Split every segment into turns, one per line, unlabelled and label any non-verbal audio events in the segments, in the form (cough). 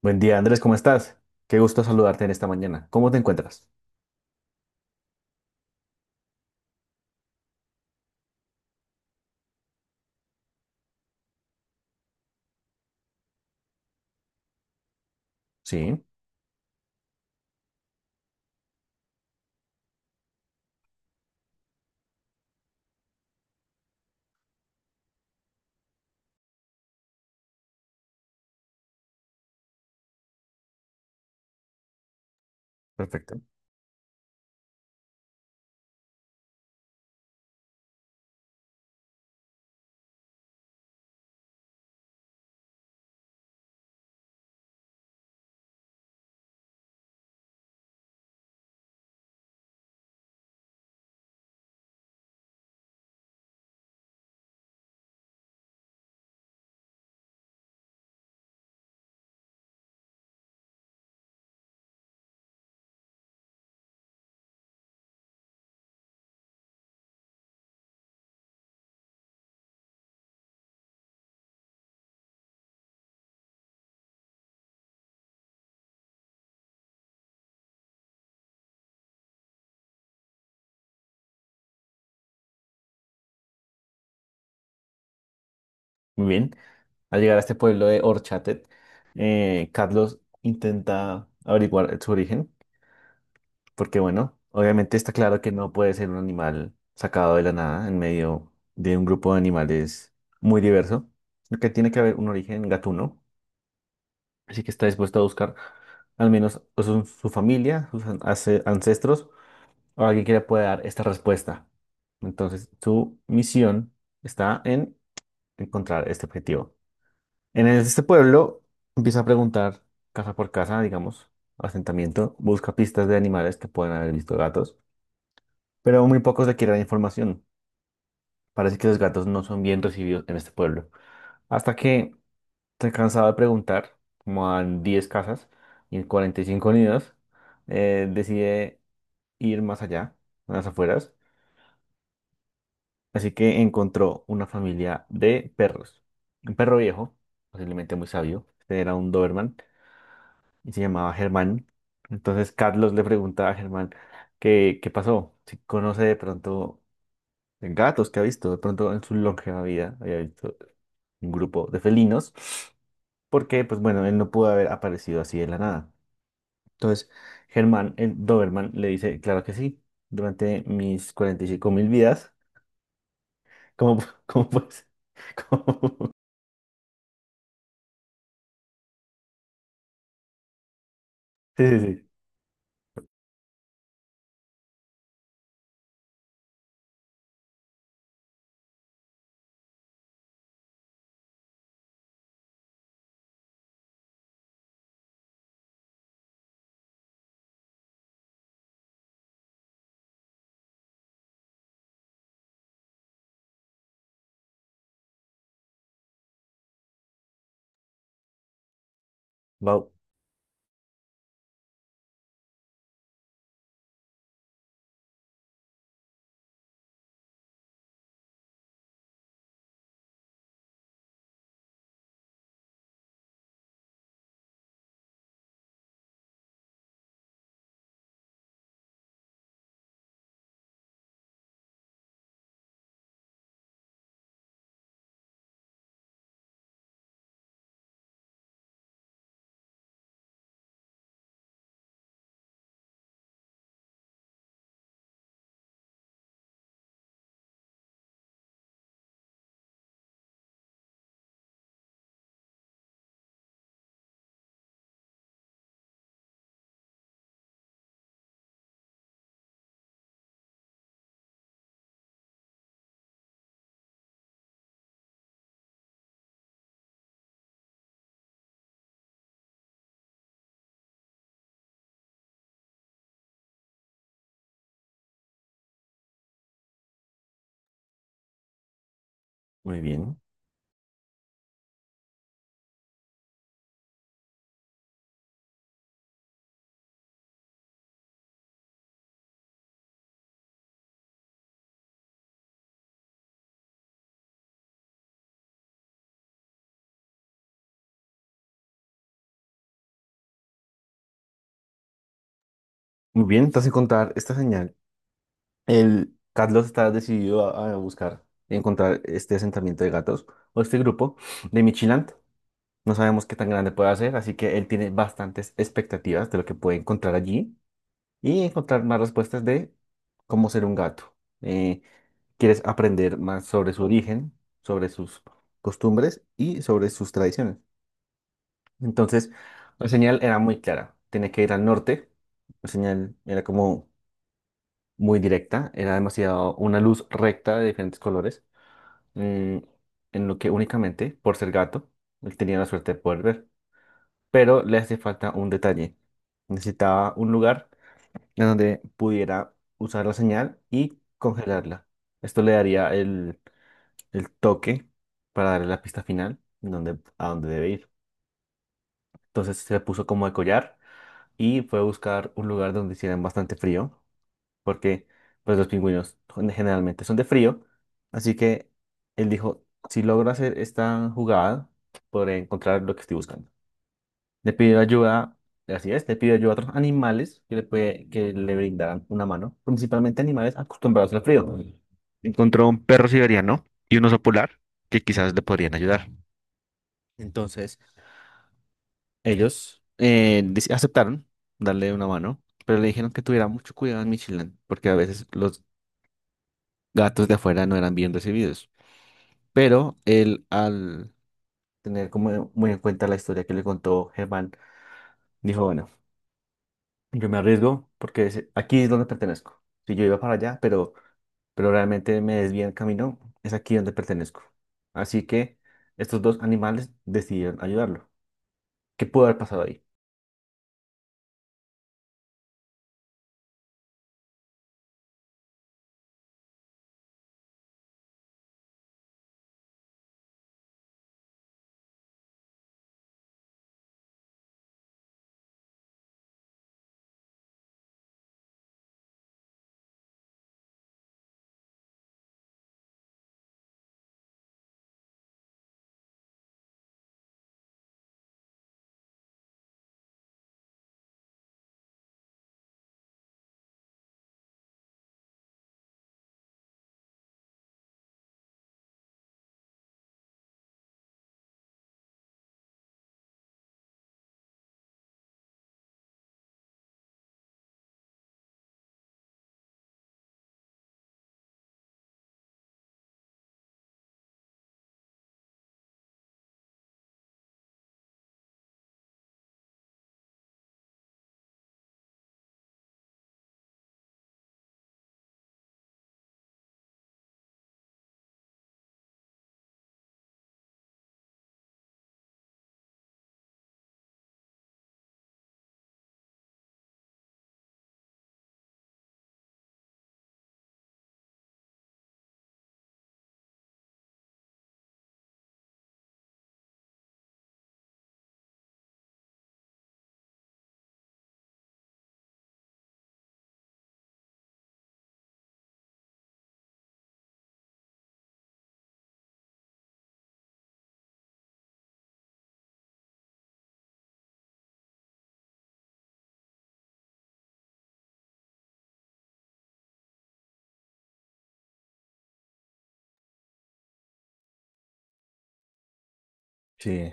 Buen día, Andrés, ¿cómo estás? Qué gusto saludarte en esta mañana. ¿Cómo te encuentras? Sí, perfecto. Muy bien. Al llegar a este pueblo de Orchatet, Carlos intenta averiguar su origen, porque bueno, obviamente está claro que no puede ser un animal sacado de la nada en medio de un grupo de animales muy diverso, sino que tiene que haber un origen gatuno, así que está dispuesto a buscar al menos su familia, sus ancestros o alguien que le pueda dar esta respuesta. Entonces, su misión está en encontrar este objetivo. En este pueblo empieza a preguntar casa por casa, digamos, asentamiento, busca pistas de animales que pueden haber visto gatos, pero muy pocos le quieren información. Parece que los gatos no son bien recibidos en este pueblo. Hasta que se cansado de preguntar, como a 10 casas y en 45 nidos, decide ir más allá, a las afueras. Así que encontró una familia de perros. Un perro viejo, posiblemente muy sabio. Este era un Doberman y se llamaba Germán. Entonces Carlos le preguntaba a Germán qué pasó, si conoce de pronto gatos que ha visto. De pronto en su longeva vida había visto un grupo de felinos. Porque, pues bueno, él no pudo haber aparecido así de la nada. Entonces Germán, el Doberman, le dice, claro que sí, durante mis 45.000 vidas, ¿cómo, (laughs) cómo puedes? (laughs) Sí, sí, sí. Wow. Muy bien. Muy bien, entonces encontrar esta señal. El Carlos está decidido a buscar y encontrar este asentamiento de gatos o este grupo de Michiland. No sabemos qué tan grande puede ser, así que él tiene bastantes expectativas de lo que puede encontrar allí y encontrar más respuestas de cómo ser un gato. Eh, Quieres aprender más sobre su origen, sobre sus costumbres y sobre sus tradiciones. Entonces, la señal era muy clara. Tenía que ir al norte. La señal era como muy directa. Era demasiado una luz recta de diferentes colores. mm, en lo que únicamente, por ser gato, él tenía la suerte de poder ver. Pero le hace falta un detalle. Necesitaba un lugar en donde pudiera usar la señal y congelarla. Esto le daría el toque para darle la pista final en donde, a dónde debe ir. Entonces se le puso como de collar y fue a buscar un lugar donde hicieran bastante frío, porque pues los pingüinos son- generalmente son de frío, así que él dijo, si logro hacer esta jugada, podré encontrar lo que estoy buscando. Le pidió ayuda, así es, le pidió ayuda a otros animales que que le brindaran una mano, principalmente animales acostumbrados al frío. Encontró un perro siberiano y un oso polar que quizás le podrían ayudar. Entonces, ellos aceptaron darle una mano, pero le dijeron que tuviera mucho cuidado en Michelin, porque a veces los gatos de afuera no eran bien recibidos. Pero él, al tener como muy en cuenta la historia que le contó Germán, dijo, bueno, yo me arriesgo porque aquí es donde pertenezco. Si yo iba para allá, pero realmente me desvía el camino, es aquí donde pertenezco. Así que estos dos animales decidieron ayudarlo. ¿Qué pudo haber pasado ahí? Sí,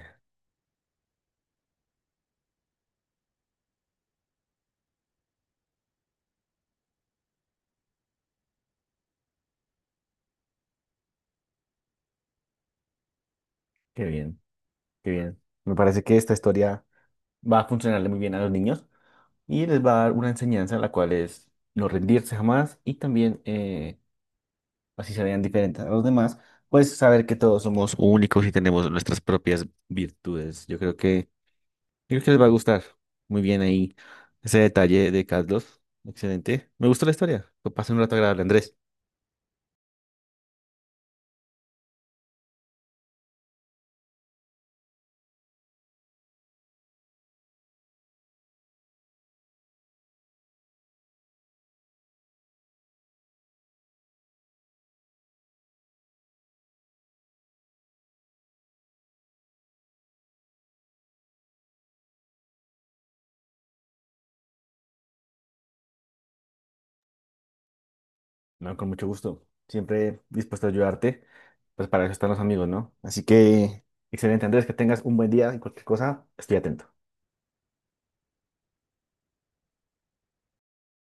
qué bien, qué bien. Me parece que esta historia va a funcionarle muy bien a los niños y les va a dar una enseñanza la cual es no rendirse jamás y también, así se vean diferentes a los demás, pues saber que todos somos únicos y tenemos nuestras propias virtudes. Yo creo que les va a gustar muy bien ahí ese detalle de Carlos. Excelente. Me gustó la historia. Lo pasé un rato agradable, Andrés. No, con mucho gusto. Siempre dispuesto a ayudarte. Pues para eso están los amigos, ¿no? Así que, excelente, Andrés, que tengas un buen día y cualquier cosa, estoy atento.